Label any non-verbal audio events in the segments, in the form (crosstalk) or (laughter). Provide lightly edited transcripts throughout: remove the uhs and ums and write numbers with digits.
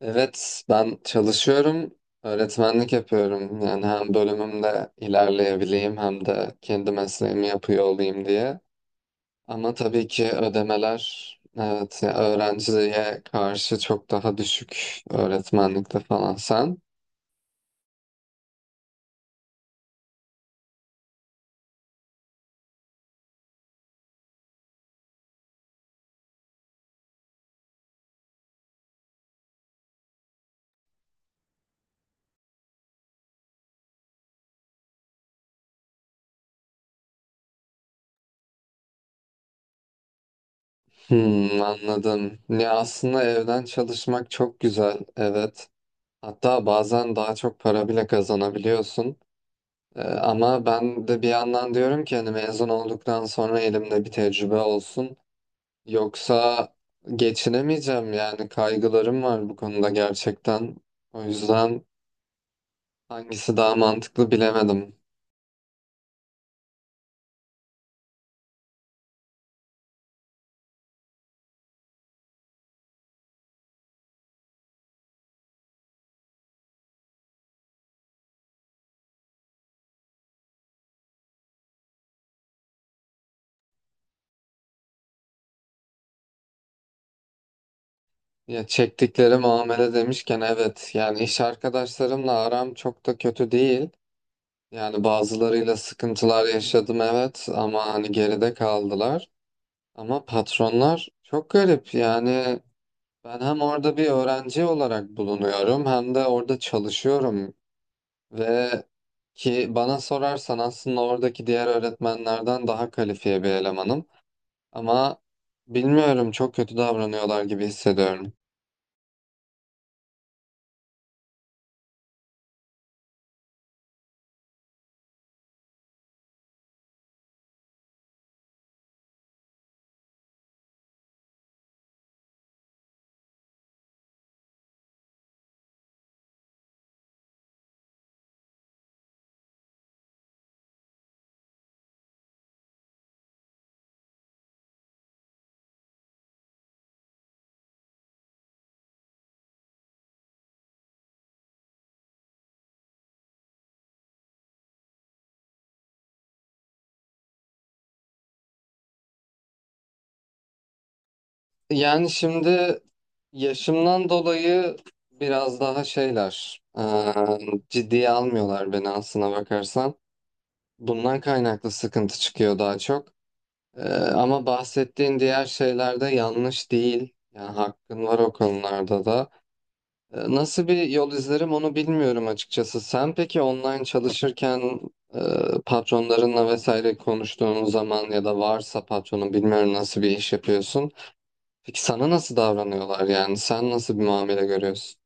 Evet, ben çalışıyorum, öğretmenlik yapıyorum. Yani hem bölümümde ilerleyebileyim hem de kendi mesleğimi yapıyor olayım diye. Ama tabii ki ödemeler, evet, ya öğrenciye karşı çok daha düşük öğretmenlikte falan. Sen? Hmm, anladım. Ya aslında evden çalışmak çok güzel, evet. Hatta bazen daha çok para bile kazanabiliyorsun. Ama ben de bir yandan diyorum ki hani mezun olduktan sonra elimde bir tecrübe olsun. Yoksa geçinemeyeceğim yani kaygılarım var bu konuda gerçekten. O yüzden hangisi daha mantıklı bilemedim. Ya çektikleri muamele demişken evet yani iş arkadaşlarımla aram çok da kötü değil. Yani bazılarıyla sıkıntılar yaşadım evet ama hani geride kaldılar. Ama patronlar çok garip yani ben hem orada bir öğrenci olarak bulunuyorum hem de orada çalışıyorum. Ve ki bana sorarsan aslında oradaki diğer öğretmenlerden daha kalifiye bir elemanım. Ama bilmiyorum çok kötü davranıyorlar gibi hissediyorum. Yani şimdi yaşımdan dolayı biraz daha şeyler ciddiye almıyorlar beni aslına bakarsan. Bundan kaynaklı sıkıntı çıkıyor daha çok. Eee, Ama bahsettiğin diğer şeyler de yanlış değil. Yani hakkın var o konularda da. Nasıl bir yol izlerim onu bilmiyorum açıkçası. Sen peki online çalışırken e, patronlarınla vesaire konuştuğun zaman ya da varsa patronun bilmiyorum nasıl bir iş yapıyorsun. Peki sana nasıl davranıyorlar yani? Sen nasıl bir muamele görüyorsun?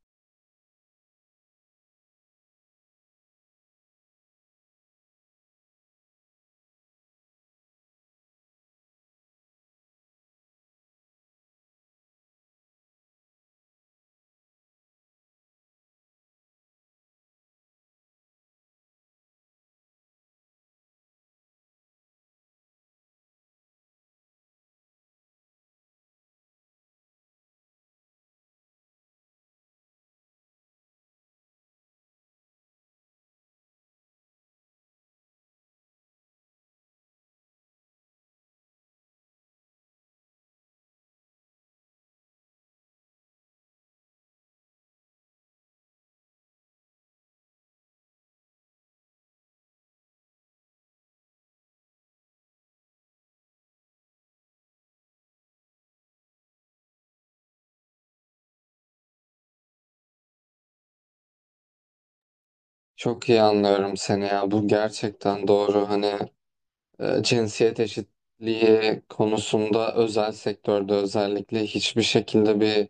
Çok iyi anlıyorum seni ya. Bu gerçekten doğru. Hani cinsiyet eşitliği konusunda özel sektörde özellikle hiçbir şekilde bir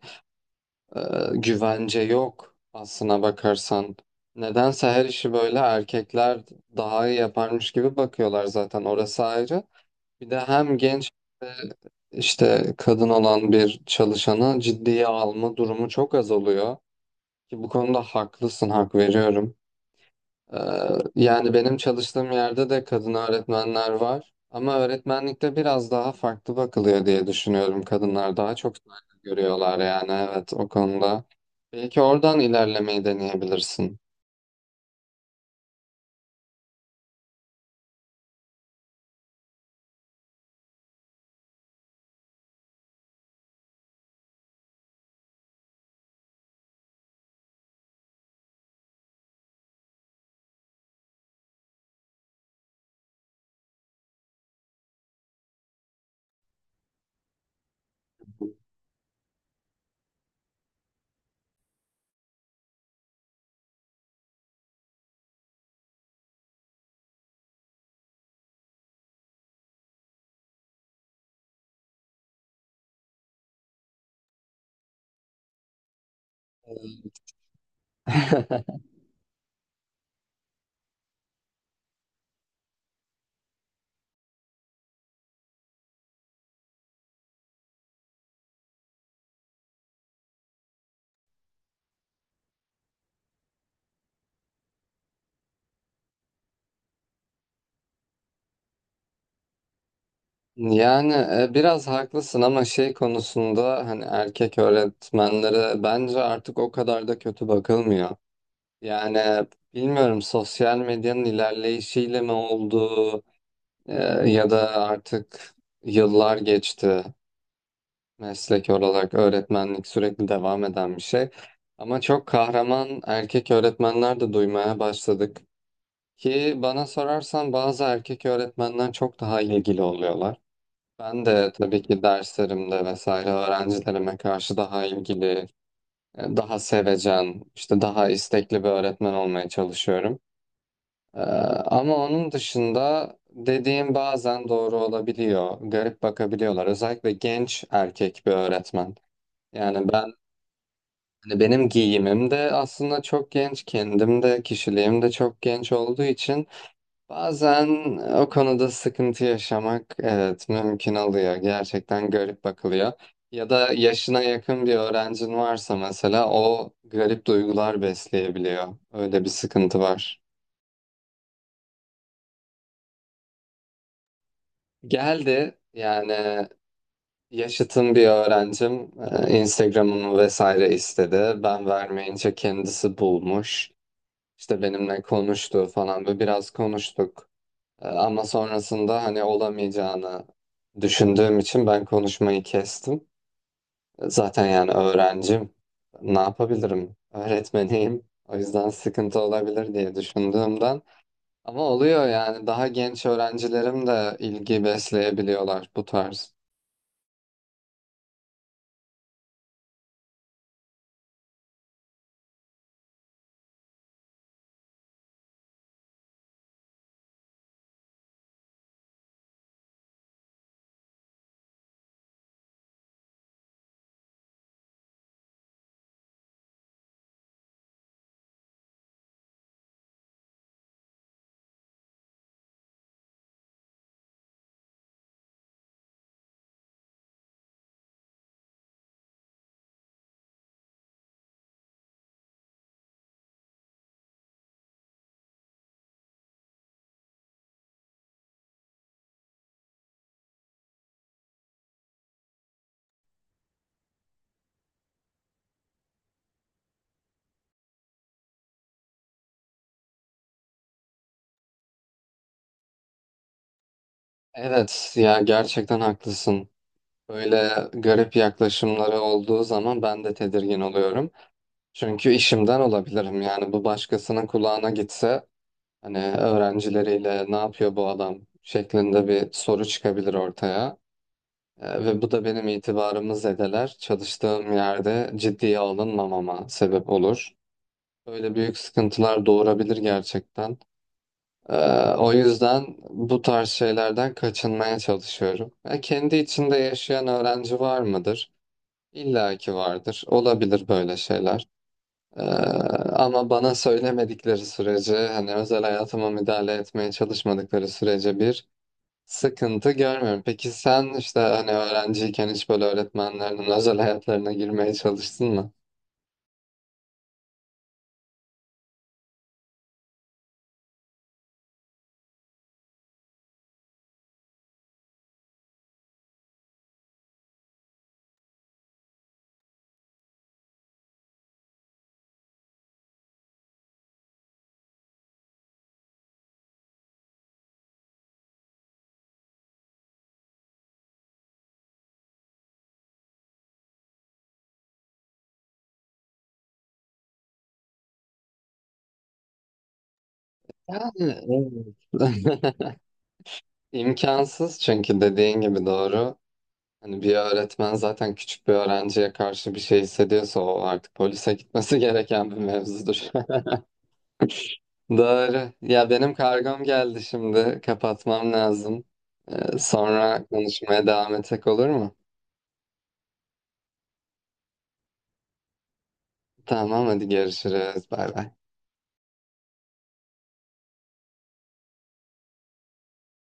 e, güvence yok aslına bakarsan. Nedense her işi böyle erkekler daha iyi yaparmış gibi bakıyorlar zaten orası ayrı. Bir de hem genç işte kadın olan bir çalışanı ciddiye alma durumu çok az oluyor. Ki bu konuda haklısın, hak veriyorum. Ee, Yani benim çalıştığım yerde de kadın öğretmenler var. Ama öğretmenlikte biraz daha farklı bakılıyor diye düşünüyorum. Kadınlar daha çok saygı görüyorlar yani evet o konuda. Belki oradan ilerlemeyi deneyebilirsin. (laughs) Yani biraz haklısın ama şey konusunda hani erkek öğretmenlere bence artık o kadar da kötü bakılmıyor. Yani bilmiyorum sosyal medyanın ilerleyişiyle mi oldu? Ee, Ya da artık yıllar geçti meslek olarak öğretmenlik sürekli devam eden bir şey. Ama çok kahraman erkek öğretmenler de duymaya başladık. Ki bana sorarsan bazı erkek öğretmenler çok daha ilgili oluyorlar. Ben de tabii ki derslerimde vesaire öğrencilerime karşı daha ilgili, daha sevecen, işte daha istekli bir öğretmen olmaya çalışıyorum. Ee, Ama onun dışında dediğim bazen doğru olabiliyor. Garip bakabiliyorlar. Özellikle genç erkek bir öğretmen. Yani ben hani benim giyimim de aslında çok genç, kendim de kişiliğim de çok genç olduğu için bazen o konuda sıkıntı yaşamak evet mümkün oluyor. Gerçekten garip bakılıyor. Ya da yaşına yakın bir öğrencin varsa mesela o garip duygular besleyebiliyor. Öyle bir sıkıntı var. Geldi yani. Yaşıtım bir öğrencim Instagram'ımı vesaire istedi. Ben vermeyince kendisi bulmuş. İşte benimle konuştu falan ve biraz konuştuk. Ama sonrasında hani olamayacağını düşündüğüm için ben konuşmayı kestim. Zaten yani öğrencim, ne yapabilirim? Öğretmeniyim. O yüzden sıkıntı olabilir diye düşündüğümden. Ama oluyor yani daha genç öğrencilerim de ilgi besleyebiliyorlar bu tarz. Evet ya gerçekten haklısın. Böyle garip yaklaşımları olduğu zaman ben de tedirgin oluyorum. Çünkü işimden olabilirim. Yani bu başkasının kulağına gitse hani öğrencileriyle ne yapıyor bu adam şeklinde bir soru çıkabilir ortaya. Ve bu da benim itibarımı zedeler. Çalıştığım yerde ciddiye alınmamama sebep olur. Böyle büyük sıkıntılar doğurabilir gerçekten. O yüzden bu tarz şeylerden kaçınmaya çalışıyorum. Ya kendi içinde yaşayan öğrenci var mıdır? İlla ki vardır. Olabilir böyle şeyler. Ee, Ama bana söylemedikleri sürece, hani özel hayatıma müdahale etmeye çalışmadıkları sürece bir sıkıntı görmüyorum. Peki sen işte hani öğrenciyken hiç böyle öğretmenlerinin özel hayatlarına girmeye çalıştın mı? Yani, evet. (laughs) İmkansız çünkü dediğin gibi doğru. Hani bir öğretmen zaten küçük bir öğrenciye karşı bir şey hissediyorsa o artık polise gitmesi (laughs) gereken bir mevzudur. Doğru. Ya benim kargom geldi şimdi. Kapatmam lazım. Sonra konuşmaya devam etsek olur mu? Tamam hadi görüşürüz. Bay bay.